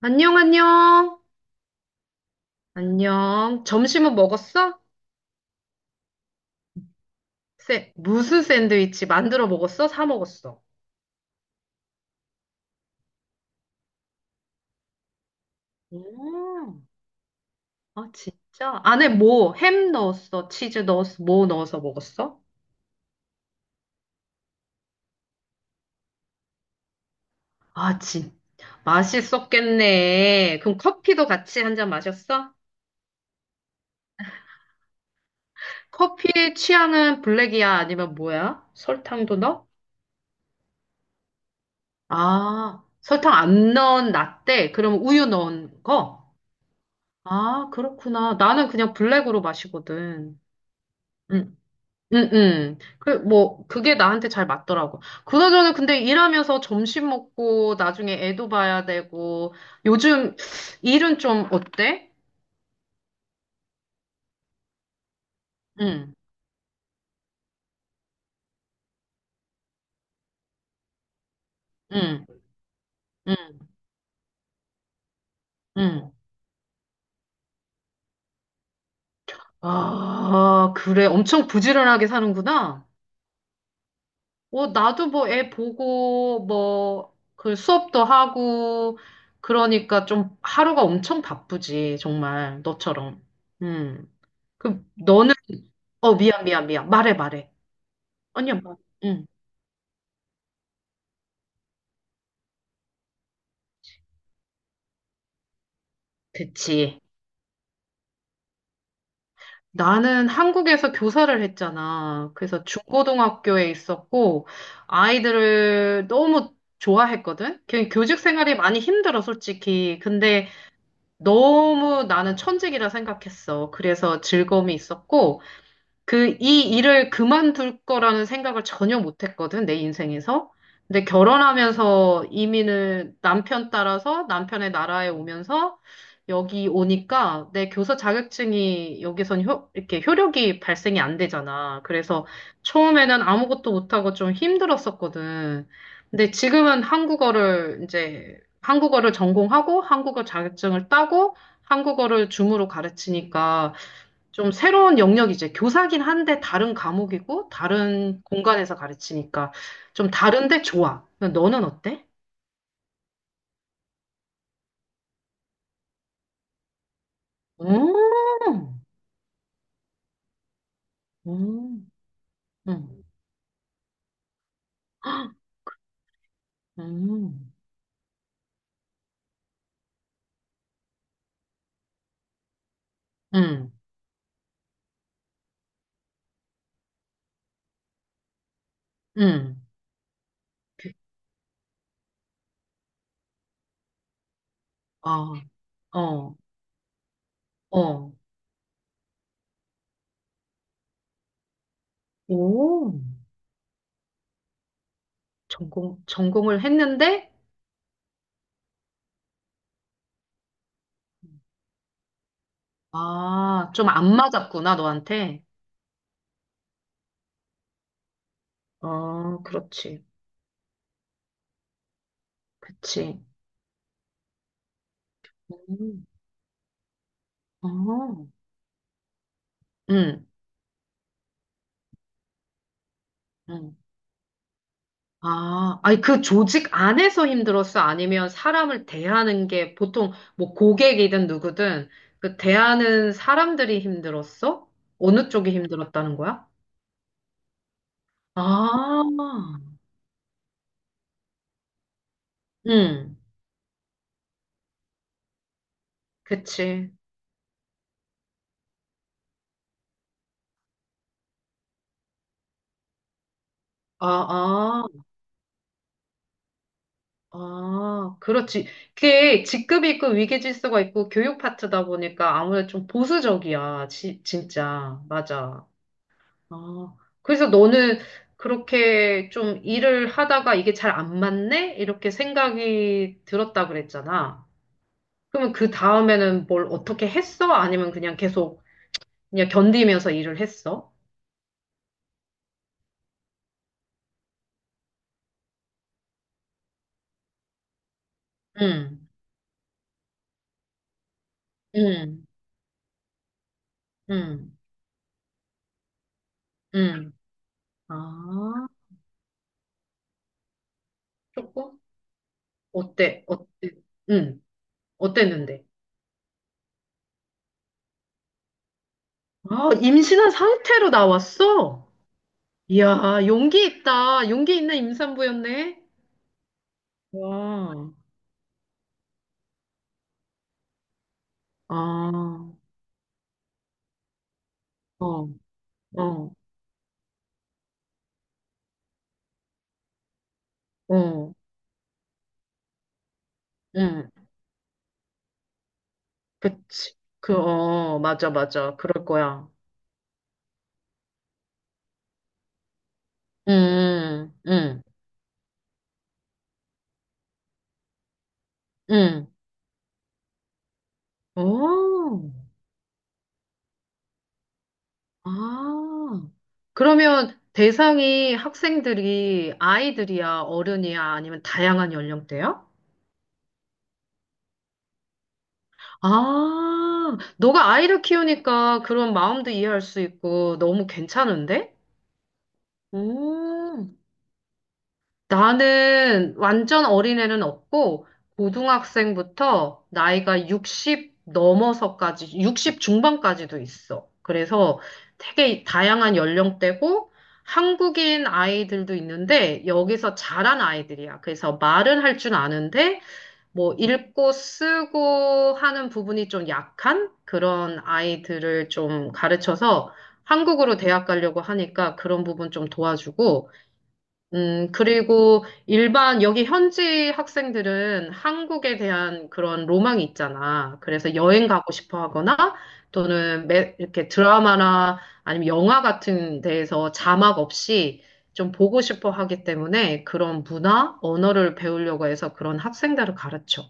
안녕, 안녕. 안녕. 점심은 먹었어? 무슨 샌드위치 만들어 먹었어? 사 먹었어? 음, 아, 진짜? 안에 뭐, 햄 넣었어? 치즈 넣었어? 뭐 넣어서 먹었어? 아, 진. 맛있었겠네. 그럼 커피도 같이 한잔 마셨어? 커피 취향은 블랙이야? 아니면 뭐야? 설탕도 넣어? 아, 설탕 안 넣은 라떼? 그럼 우유 넣은 거? 아, 그렇구나. 나는 그냥 블랙으로 마시거든. 응, 응, 응. 그, 뭐, 그게 나한테 잘 맞더라고. 그나저나, 근데 일하면서 점심 먹고, 나중에 애도 봐야 되고, 요즘 일은 좀 어때? 응, 응, 응, 응. 아, 그래. 엄청 부지런하게 사는구나. 어, 나도 뭐 애 보고, 뭐, 그 수업도 하고, 그러니까 좀 하루가 엄청 바쁘지, 정말, 너처럼. 응. 그, 너는, 어, 미안, 미안, 미안. 말해, 말해. 아니야, 말해. 그치. 나는 한국에서 교사를 했잖아. 그래서 중고등학교에 있었고, 아이들을 너무 좋아했거든? 그 교직 생활이 많이 힘들어, 솔직히. 근데 너무 나는 천직이라 생각했어. 그래서 즐거움이 있었고, 그, 이 일을 그만둘 거라는 생각을 전혀 못 했거든, 내 인생에서. 근데 결혼하면서 이민을 남편 따라서 남편의 나라에 오면서 여기 오니까 내 교사 자격증이 여기선 이렇게 효력이 발생이 안 되잖아. 그래서 처음에는 아무것도 못하고 좀 힘들었었거든. 근데 지금은 한국어를 이제 한국어를 전공하고 한국어 자격증을 따고 한국어를 줌으로 가르치니까 좀 새로운 영역이 이제 교사긴 한데 다른 과목이고 다른 공간에서 가르치니까 좀 다른데 좋아. 너는 어때? 음, 음, 음, 음, 음, 음. 그- 아, 어, 어, 오, 전공을 했는데, 아, 좀 안 맞았구나, 너한테. 어, 그렇지, 그치. 음, 어, 음, 음. 아, 아니, 그 조직 안에서 힘들었어? 아니면 사람을 대하는 게 보통 뭐 고객이든 누구든 그 대하는 사람들이 힘들었어? 어느 쪽이 힘들었다는 거야? 아, 응, 그치. 아, 아, 아, 그렇지. 그게 직급이 있고 위계질서가 있고 교육 파트다 보니까 아무래도 좀 보수적이야. 진짜. 맞아. 아, 그래서 너는 그렇게 좀 일을 하다가 이게 잘 안 맞네? 이렇게 생각이 들었다 그랬잖아. 그러면 그 다음에는 뭘 어떻게 했어? 아니면 그냥 계속 그냥 견디면서 일을 했어? 응, 응, 응, 응. 아, 조금? 어때? 어때? 응, 어땠는데? 아, 임신한 상태로 나왔어? 이야, 용기 있다. 용기 있는 임산부였네? 와, 아, 어. 어, 어, 응, 그치. 그, 어, 맞아, 맞아. 그럴 거야. 응, 응, 응. 오, 아. 그러면 대상이 학생들이 아이들이야, 어른이야, 아니면 다양한 연령대야? 아, 너가 아이를 키우니까 그런 마음도 이해할 수 있고 너무 괜찮은데? 오, 나는 완전 어린애는 없고, 고등학생부터 나이가 60 넘어서까지, 60 중반까지도 있어. 그래서 되게 다양한 연령대고, 한국인 아이들도 있는데, 여기서 자란 아이들이야. 그래서 말은 할 줄 아는데, 뭐, 읽고 쓰고 하는 부분이 좀 약한 그런 아이들을 좀 가르쳐서 한국으로 대학 가려고 하니까 그런 부분 좀 도와주고, 그리고 일반, 여기 현지 학생들은 한국에 대한 그런 로망이 있잖아. 그래서 여행 가고 싶어 하거나 또는 이렇게 드라마나 아니면 영화 같은 데에서 자막 없이 좀 보고 싶어 하기 때문에 그런 문화, 언어를 배우려고 해서 그런 학생들을 가르쳐.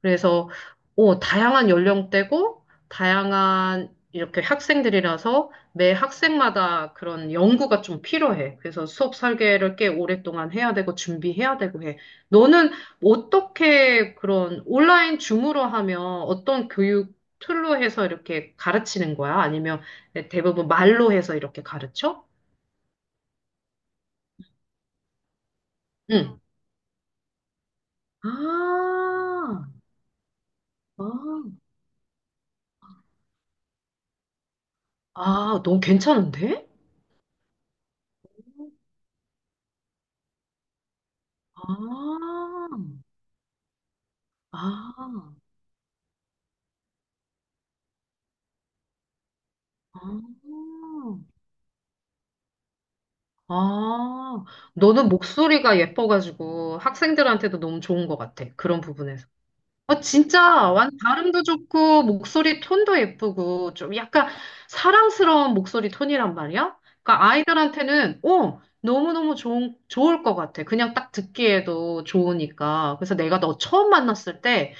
그래서 오, 다양한 연령대고 다양한 이렇게 학생들이라서 매 학생마다 그런 연구가 좀 필요해. 그래서 수업 설계를 꽤 오랫동안 해야 되고 준비해야 되고 해. 너는 어떻게 그런 온라인 줌으로 하면 어떤 교육 툴로 해서 이렇게 가르치는 거야? 아니면 대부분 말로 해서 이렇게 가르쳐? 응. 아, 아, 아, 너무 괜찮은데? 아, 아. 아, 아, 너는 목소리가 예뻐가지고 학생들한테도 너무 좋은 것 같아. 그런 부분에서. 어, 진짜, 발음도 좋고, 목소리 톤도 예쁘고, 좀 약간 사랑스러운 목소리 톤이란 말이야? 그러니까 아이들한테는, 어, 너무너무 좋은, 좋을 것 같아. 그냥 딱 듣기에도 좋으니까. 그래서 내가 너 처음 만났을 때,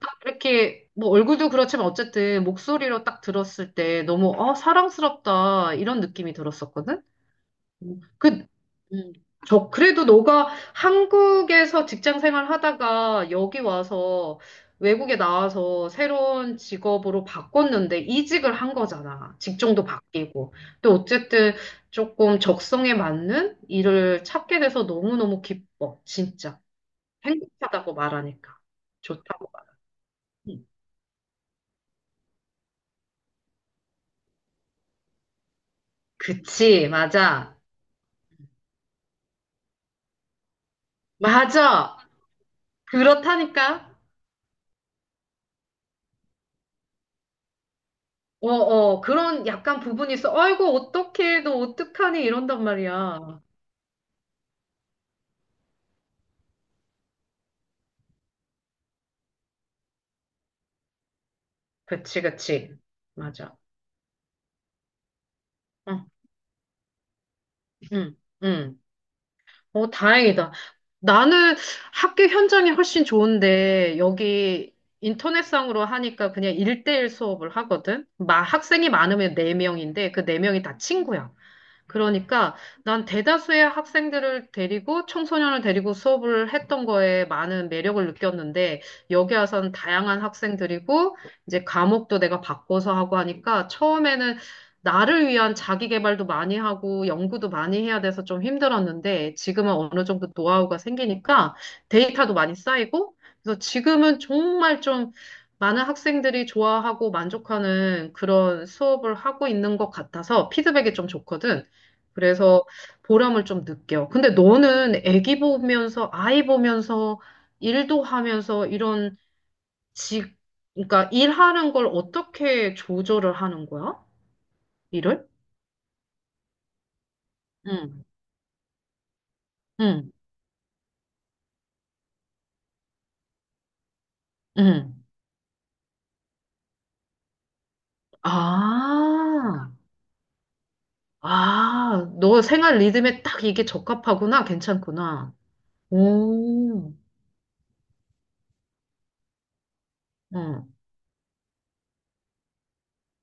딱 이렇게, 뭐 얼굴도 그렇지만 어쨌든 목소리로 딱 들었을 때 너무, 어, 사랑스럽다. 이런 느낌이 들었었거든? 그, 음, 저, 그래도 너가 한국에서 직장 생활 하다가 여기 와서 외국에 나와서 새로운 직업으로 바꿨는데 이직을 한 거잖아. 직종도 바뀌고. 또 어쨌든 조금 적성에 맞는 일을 찾게 돼서 너무너무 기뻐. 진짜. 행복하다고 말하니까. 좋다고 말. 그치, 맞아. 맞아. 그렇다니까. 어, 어, 그런 약간 부분이 있어. 아이고, 어떡해, 너 어떡하니? 이런단 말이야. 그치, 그치. 맞아. 응, 응, 응. 어, 다행이다. 나는 학교 현장이 훨씬 좋은데, 여기 인터넷상으로 하니까 그냥 일대일 수업을 하거든? 학생이 많으면 네명인데그 네명이다 친구야. 그러니까 난 대다수의 학생들을 데리고 청소년을 데리고 수업을 했던 거에 많은 매력을 느꼈는데 여기 와서는 다양한 학생들이고 이제 과목도 내가 바꿔서 하고 하니까 처음에는 나를 위한 자기 개발도 많이 하고 연구도 많이 해야 돼서 좀 힘들었는데 지금은 어느 정도 노하우가 생기니까 데이터도 많이 쌓이고 그래서 지금은 정말 좀 많은 학생들이 좋아하고 만족하는 그런 수업을 하고 있는 것 같아서 피드백이 좀 좋거든. 그래서 보람을 좀 느껴. 근데 너는 애기 보면서, 아이 보면서, 일도 하면서 이런 직, 그러니까 일하는 걸 어떻게 조절을 하는 거야? 일을? 응, 응, 응. 아, 아, 너 생활 리듬에 딱 이게 적합하구나. 괜찮구나. 오, 응,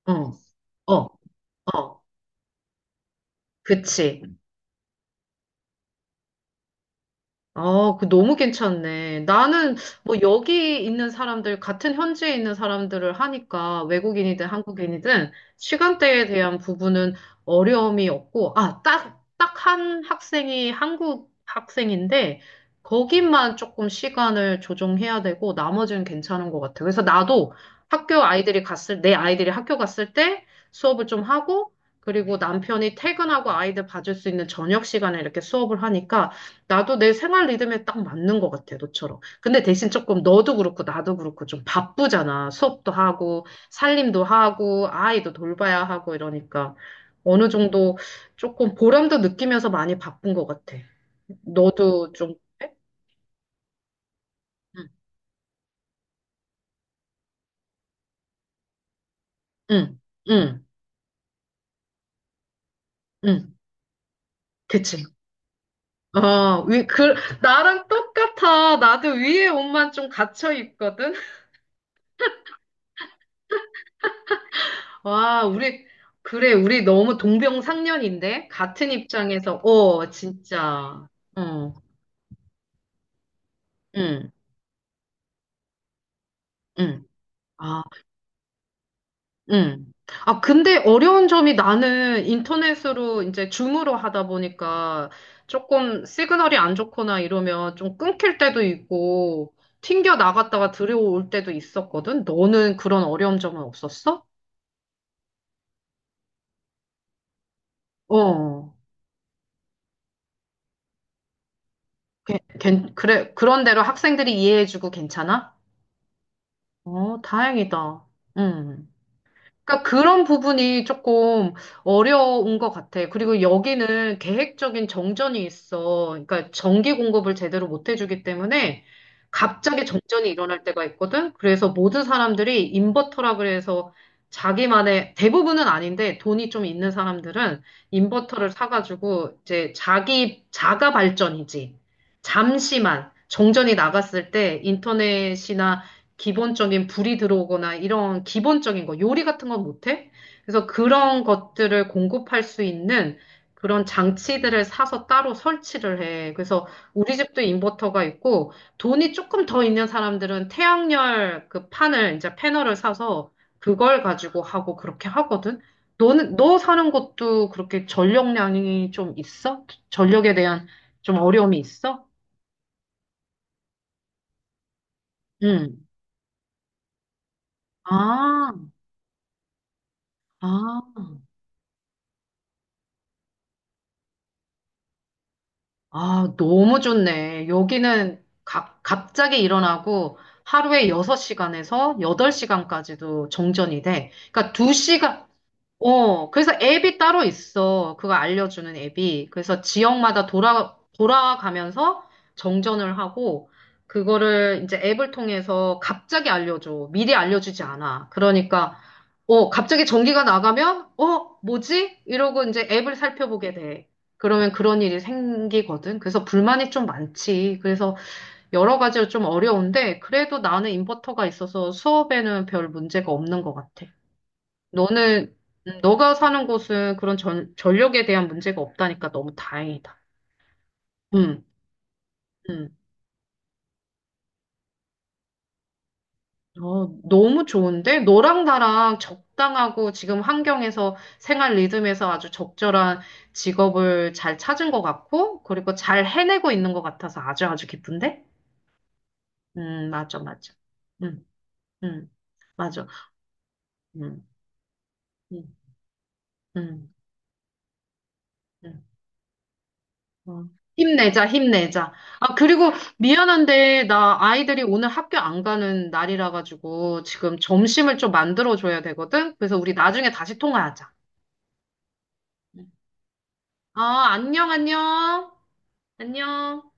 응, 어, 어, 그치. 아, 그 너무 괜찮네. 나는 뭐 여기 있는 사람들, 같은 현지에 있는 사람들을 하니까 외국인이든 한국인이든 시간대에 대한 부분은 어려움이 없고, 아, 딱, 딱 한 학생이 한국 학생인데, 거기만 조금 시간을 조정해야 되고, 나머지는 괜찮은 것 같아. 그래서 나도 학교 내 아이들이 학교 갔을 때 수업을 좀 하고, 그리고 남편이 퇴근하고 아이들 봐줄 수 있는 저녁 시간에 이렇게 수업을 하니까, 나도 내 생활 리듬에 딱 맞는 것 같아, 너처럼. 근데 대신 조금 너도 그렇고 나도 그렇고 좀 바쁘잖아. 수업도 하고, 살림도 하고, 아이도 돌봐야 하고 이러니까 어느 정도 조금 보람도 느끼면서 많이 바쁜 것 같아. 너도 좀, 그래? 응, 응, 응, 응. 그치. 어, 나랑 똑같아. 나도 위에 옷만 좀 갇혀 있거든. 와, 우리, 그래, 우리 너무 동병상련인데? 같은 입장에서, 어, 진짜. 어, 응, 응. 아, 응. 아, 근데 어려운 점이 나는 인터넷으로 이제 줌으로 하다 보니까 조금 시그널이 안 좋거나 이러면 좀 끊길 때도 있고, 튕겨 나갔다가 들어올 때도 있었거든? 너는 그런 어려운 점은 없었어? 어, 그래, 그런 대로 학생들이 이해해주고 괜찮아? 어, 다행이다. 응. 그러니까 그런 부분이 조금 어려운 것 같아. 그리고 여기는 계획적인 정전이 있어. 그러니까 전기 공급을 제대로 못 해주기 때문에 갑자기 정전이 일어날 때가 있거든. 그래서 모든 사람들이 인버터라 그래서 자기만의 대부분은 아닌데 돈이 좀 있는 사람들은 인버터를 사가지고 이제 자기 자가 발전이지. 잠시만 정전이 나갔을 때 인터넷이나 기본적인 불이 들어오거나 이런 기본적인 거, 요리 같은 건 못해? 그래서 그런 것들을 공급할 수 있는 그런 장치들을 사서 따로 설치를 해. 그래서 우리 집도 인버터가 있고 돈이 조금 더 있는 사람들은 태양열 그 판을 이제 패널을 사서 그걸 가지고 하고 그렇게 하거든. 너는 너 사는 곳도 그렇게 전력량이 좀 있어? 전력에 대한 좀 어려움이 있어? 응. 아, 아. 아, 너무 좋네. 여기는 갑자기 일어나고 하루에 6시간에서 8시간까지도 정전이 돼. 그러니까 2시간, 어, 그래서 앱이 따로 있어. 그거 알려주는 앱이. 그래서 지역마다 돌아가면서 정전을 하고, 그거를 이제 앱을 통해서 갑자기 알려줘. 미리 알려주지 않아. 그러니까, 어, 갑자기 전기가 나가면, 어, 뭐지? 이러고 이제 앱을 살펴보게 돼. 그러면 그런 일이 생기거든. 그래서 불만이 좀 많지. 그래서 여러 가지로 좀 어려운데, 그래도 나는 인버터가 있어서 수업에는 별 문제가 없는 것 같아. 너는, 너가 사는 곳은 그런 전력에 대한 문제가 없다니까 너무 다행이다. 음, 음. 어, 너무 좋은데? 너랑 나랑 적당하고 지금 환경에서 생활 리듬에서 아주 적절한 직업을 잘 찾은 것 같고, 그리고 잘 해내고 있는 것 같아서 아주 아주 기쁜데? 맞아, 맞아. 음, 음, 맞아. 음, 음, 음. 음. 어. 힘내자, 힘내자. 아, 그리고 미안한데, 나 아이들이 오늘 학교 안 가는 날이라 가지고 지금 점심을 좀 만들어 줘야 되거든? 그래서 우리 나중에 다시 통화하자. 아, 안녕, 안녕. 안녕.